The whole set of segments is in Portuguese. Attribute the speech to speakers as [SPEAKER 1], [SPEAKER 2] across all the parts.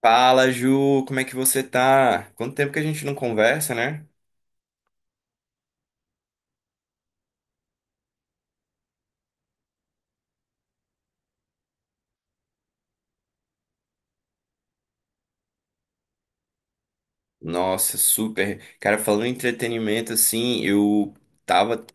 [SPEAKER 1] Fala, Ju, como é que você tá? Quanto tempo que a gente não conversa, né? Nossa, super. Cara, falando em entretenimento, assim, eu tava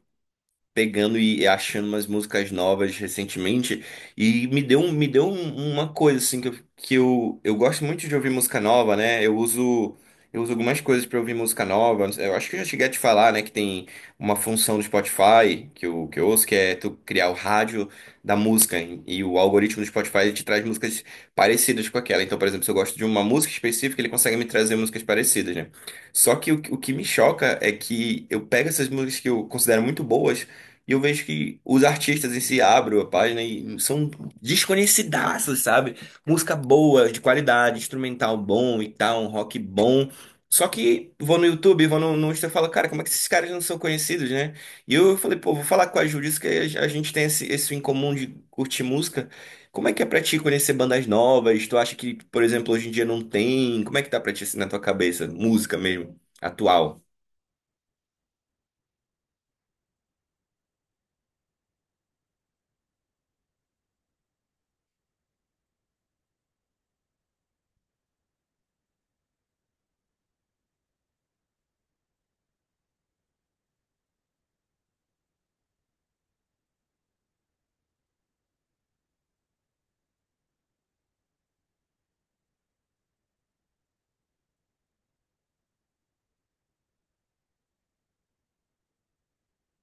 [SPEAKER 1] pegando e achando umas músicas novas recentemente e me deu, uma coisa assim que, eu gosto muito de ouvir música nova, né? Eu uso algumas coisas para ouvir música nova. Eu acho que eu já cheguei a te falar, né, que tem uma função do Spotify que eu, ouço, que é tu criar o rádio da música, e o algoritmo do Spotify ele te traz músicas parecidas com aquela. Então, por exemplo, se eu gosto de uma música específica, ele consegue me trazer músicas parecidas, né? Só que o que me choca é que eu pego essas músicas que eu considero muito boas e eu vejo que os artistas em si abrem a página e são desconhecidaços, sabe? Música boa, de qualidade, instrumental bom e tal, um rock bom. Só que vou no YouTube, vou no Insta e falo, cara, como é que esses caras não são conhecidos, né? E eu falei, pô, vou falar com a Júlia, isso que a gente tem esse em comum de curtir música. Como é que é pra ti conhecer bandas novas? Tu acha que, por exemplo, hoje em dia não tem? Como é que tá pra ti assim, na tua cabeça? Música mesmo, atual.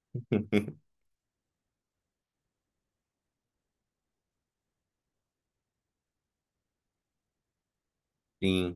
[SPEAKER 1] Sim.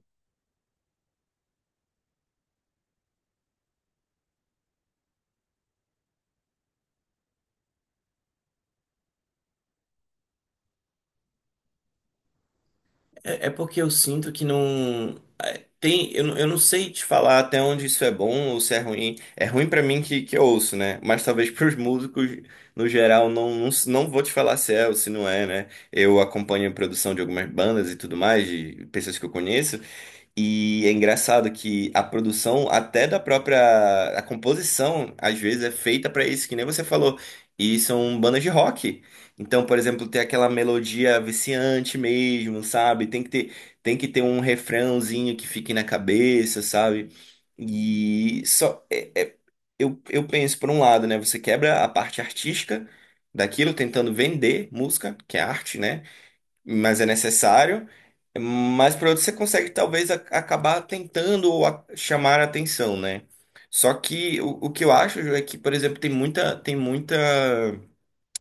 [SPEAKER 1] É, é porque eu sinto que não. Tem, eu, eu não sei te falar até onde isso é bom ou se é ruim. É ruim pra mim que eu ouço, né? Mas talvez pros músicos, no geral, não vou te falar se é ou se não é, né? Eu acompanho a produção de algumas bandas e tudo mais, de pessoas que eu conheço. E é engraçado que a produção, até da própria, a composição, às vezes é feita pra isso, que nem você falou. E são bandas de rock. Então, por exemplo, tem aquela melodia viciante mesmo, sabe? Tem que ter um refrãozinho que fique na cabeça, sabe? E eu penso por um lado, né? Você quebra a parte artística daquilo, tentando vender música, que é arte, né? Mas é necessário. Mas por outro, você consegue talvez acabar tentando ou chamar a atenção, né? Só que o que eu acho, Ju, é que, por exemplo,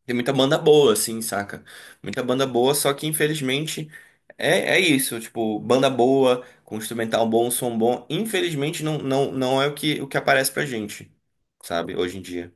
[SPEAKER 1] tem muita banda boa, assim, saca? Muita banda boa, só que infelizmente é, é isso, tipo, banda boa, com instrumental bom, som bom, infelizmente não é o que aparece pra gente, sabe, hoje em dia.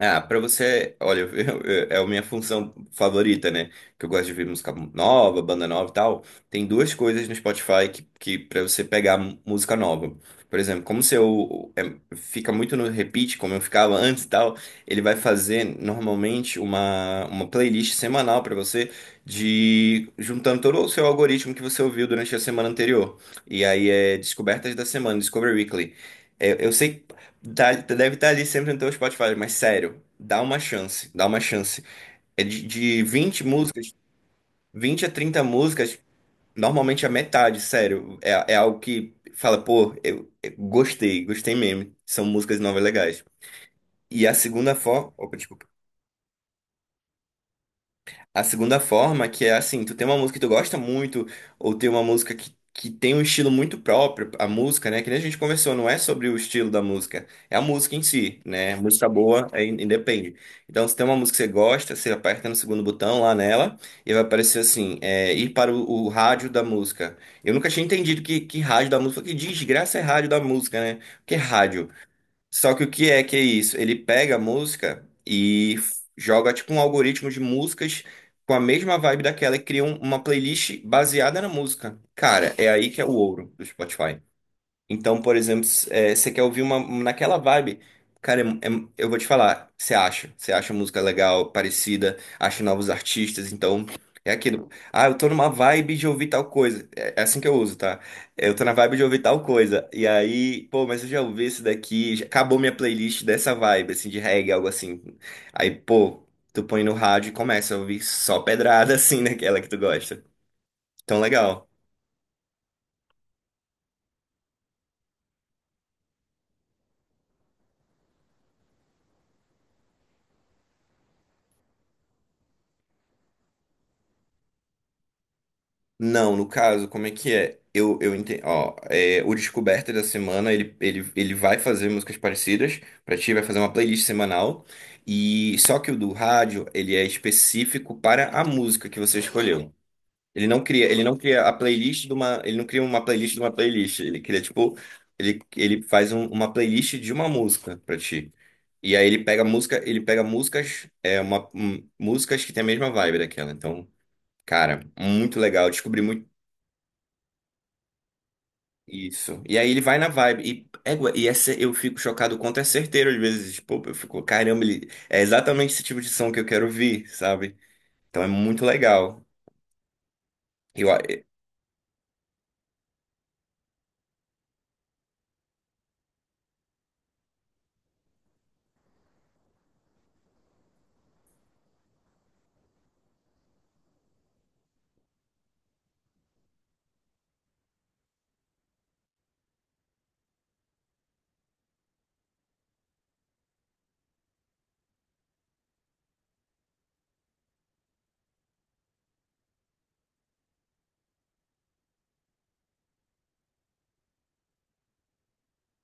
[SPEAKER 1] Ah, pra você, olha, é a minha função favorita, né? Que eu gosto de ouvir música nova, banda nova e tal. Tem duas coisas no Spotify que para você pegar música nova. Por exemplo, como se fica muito no repeat, como eu ficava antes e tal, ele vai fazer normalmente uma playlist semanal pra você, de juntando todo o seu algoritmo que você ouviu durante a semana anterior. E aí é Descobertas da Semana, Discover Weekly. É, eu sei. Deve estar ali sempre no teu Spotify, mas sério, dá uma chance, dá uma chance. É de 20 músicas, 20 a 30 músicas, normalmente a metade, sério. É, é algo que fala, pô, eu gostei, gostei mesmo. São músicas novas legais. E a segunda forma. A segunda forma, que é assim, tu tem uma música que tu gosta muito, ou tem uma música que tem um estilo muito próprio, a música, né? Que nem a gente conversou, não é sobre o estilo da música, é a música em si, né? Música boa é, independe. Então, se tem uma música que você gosta, você aperta no segundo botão lá nela, e vai aparecer assim, é, ir para o rádio da música. Eu nunca tinha entendido que rádio da música, que desgraça é rádio da música, né? O que é rádio? Só que o que é isso? Ele pega a música e joga tipo um algoritmo de músicas com a mesma vibe daquela e cria uma playlist baseada na música. Cara, é aí que é o ouro do Spotify. Então, por exemplo, você quer ouvir uma naquela vibe, cara, eu vou te falar, você acha, música legal, parecida, acha novos artistas, então é aquilo. Ah, eu tô numa vibe de ouvir tal coisa. É, é assim que eu uso, tá? Eu tô na vibe de ouvir tal coisa. E aí, pô, mas eu já ouvi esse daqui, já acabou minha playlist dessa vibe, assim, de reggae, algo assim. Aí, pô, tu põe no rádio e começa a ouvir só pedrada, assim, naquela que tu gosta. Então, legal. Não, no caso, como é que é? Eu entendi. Ó, é, o Descoberta da Semana, ele vai fazer músicas parecidas pra ti, vai fazer uma playlist semanal. E só que o do rádio, ele é específico para a música que você escolheu. Ele não cria a playlist de uma, ele não cria uma playlist de uma playlist. Ele cria, tipo, ele faz uma playlist de uma música pra ti. E aí ele pega músicas, é, uma, músicas que tem a mesma vibe daquela. Então, cara, muito legal. Descobri muito. Isso. E aí ele vai na vibe. E, égua, e essa, eu fico chocado o quanto é certeiro às vezes. Tipo, eu fico, caramba, ele, é exatamente esse tipo de som que eu quero ouvir, sabe? Então é muito legal. Eu, a-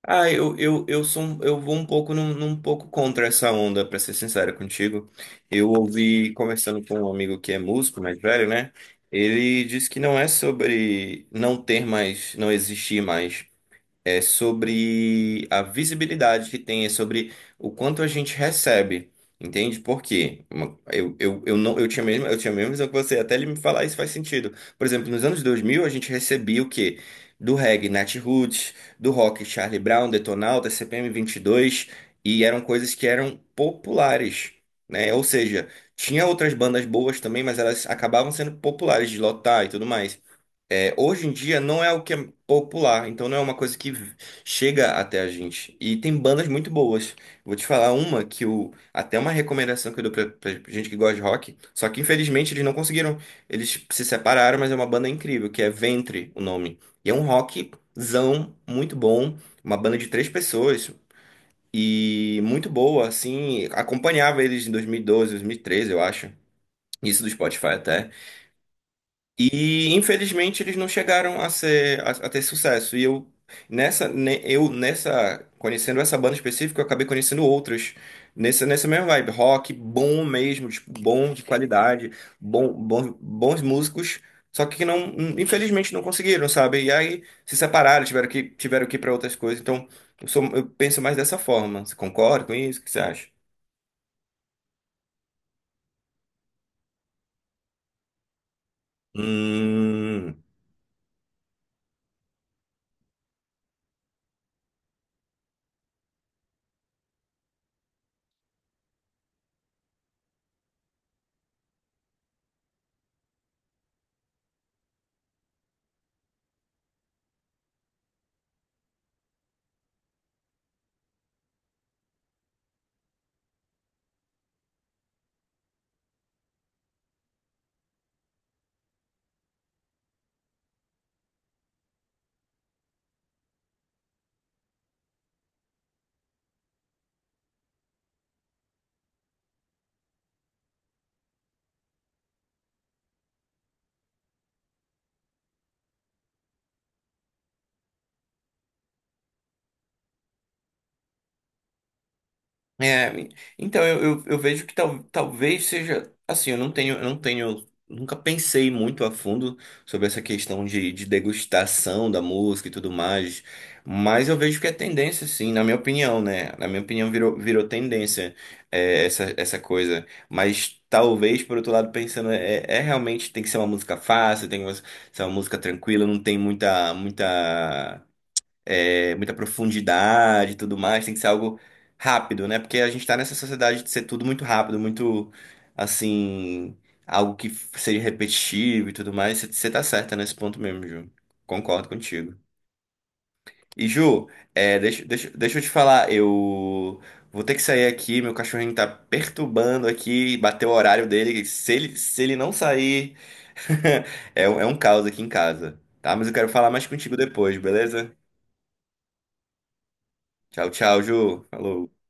[SPEAKER 1] ah, eu sou, eu vou um pouco num pouco contra essa onda, pra ser sincero contigo. Eu ouvi conversando com um amigo que é músico, mais velho, né? Ele disse que não é sobre não ter mais, não existir mais. É sobre a visibilidade que tem, é sobre o quanto a gente recebe. Entende? Por quê? Uma- eu não eu tinha mesmo, eu tinha a mesma visão que você, até ele me falar isso faz sentido. Por exemplo, nos anos 2000 a gente recebia o quê? Do reggae, Nat Roots, do rock Charlie Brown, Detonautas, CPM dois, e eram coisas que eram populares, né? Ou seja, tinha outras bandas boas também, mas elas acabavam sendo populares de lotar e tudo mais. É, hoje em dia não é o que é popular, então não é uma coisa que chega até a gente. E tem bandas muito boas. Vou te falar uma que eu, até uma recomendação que eu dou pra gente que gosta de rock, só que infelizmente eles não conseguiram, eles se separaram, mas é uma banda incrível, que é Ventre, o nome. E é um rockzão muito bom, uma banda de três pessoas e muito boa, assim, acompanhava eles em 2012, 2013, eu acho. Isso do Spotify até. E infelizmente eles não chegaram a ter sucesso. E eu, nessa, conhecendo essa banda específica, eu acabei conhecendo outras nessa mesma vibe, rock bom mesmo, tipo, bom de qualidade, bom, bom bons músicos, só que não, infelizmente não conseguiram, sabe? E aí se separaram, tiveram que ir para outras coisas. Então, eu penso mais dessa forma. Você concorda com isso? O que você acha? Hum. É, então eu vejo que tal, talvez seja assim, eu não tenho, nunca pensei muito a fundo sobre essa questão de, degustação da música e tudo mais, mas eu vejo que é tendência, sim, na minha opinião, né? Na minha opinião, virou tendência é, essa coisa. Mas talvez, por outro lado, pensando, é, é realmente tem que ser uma música fácil, tem que ser uma música tranquila, não tem muita é, muita profundidade e tudo mais, tem que ser algo rápido, né? Porque a gente tá nessa sociedade de ser tudo muito rápido, muito assim, algo que seja repetitivo e tudo mais. Você tá certa nesse ponto mesmo, Ju. Concordo contigo. E, Ju, é, deixa eu te falar, eu vou ter que sair aqui, meu cachorrinho tá perturbando aqui, bateu o horário dele. Se ele não sair, é um caos aqui em casa, tá? Mas eu quero falar mais contigo depois, beleza? Tchau, tchau, Ju. Falou.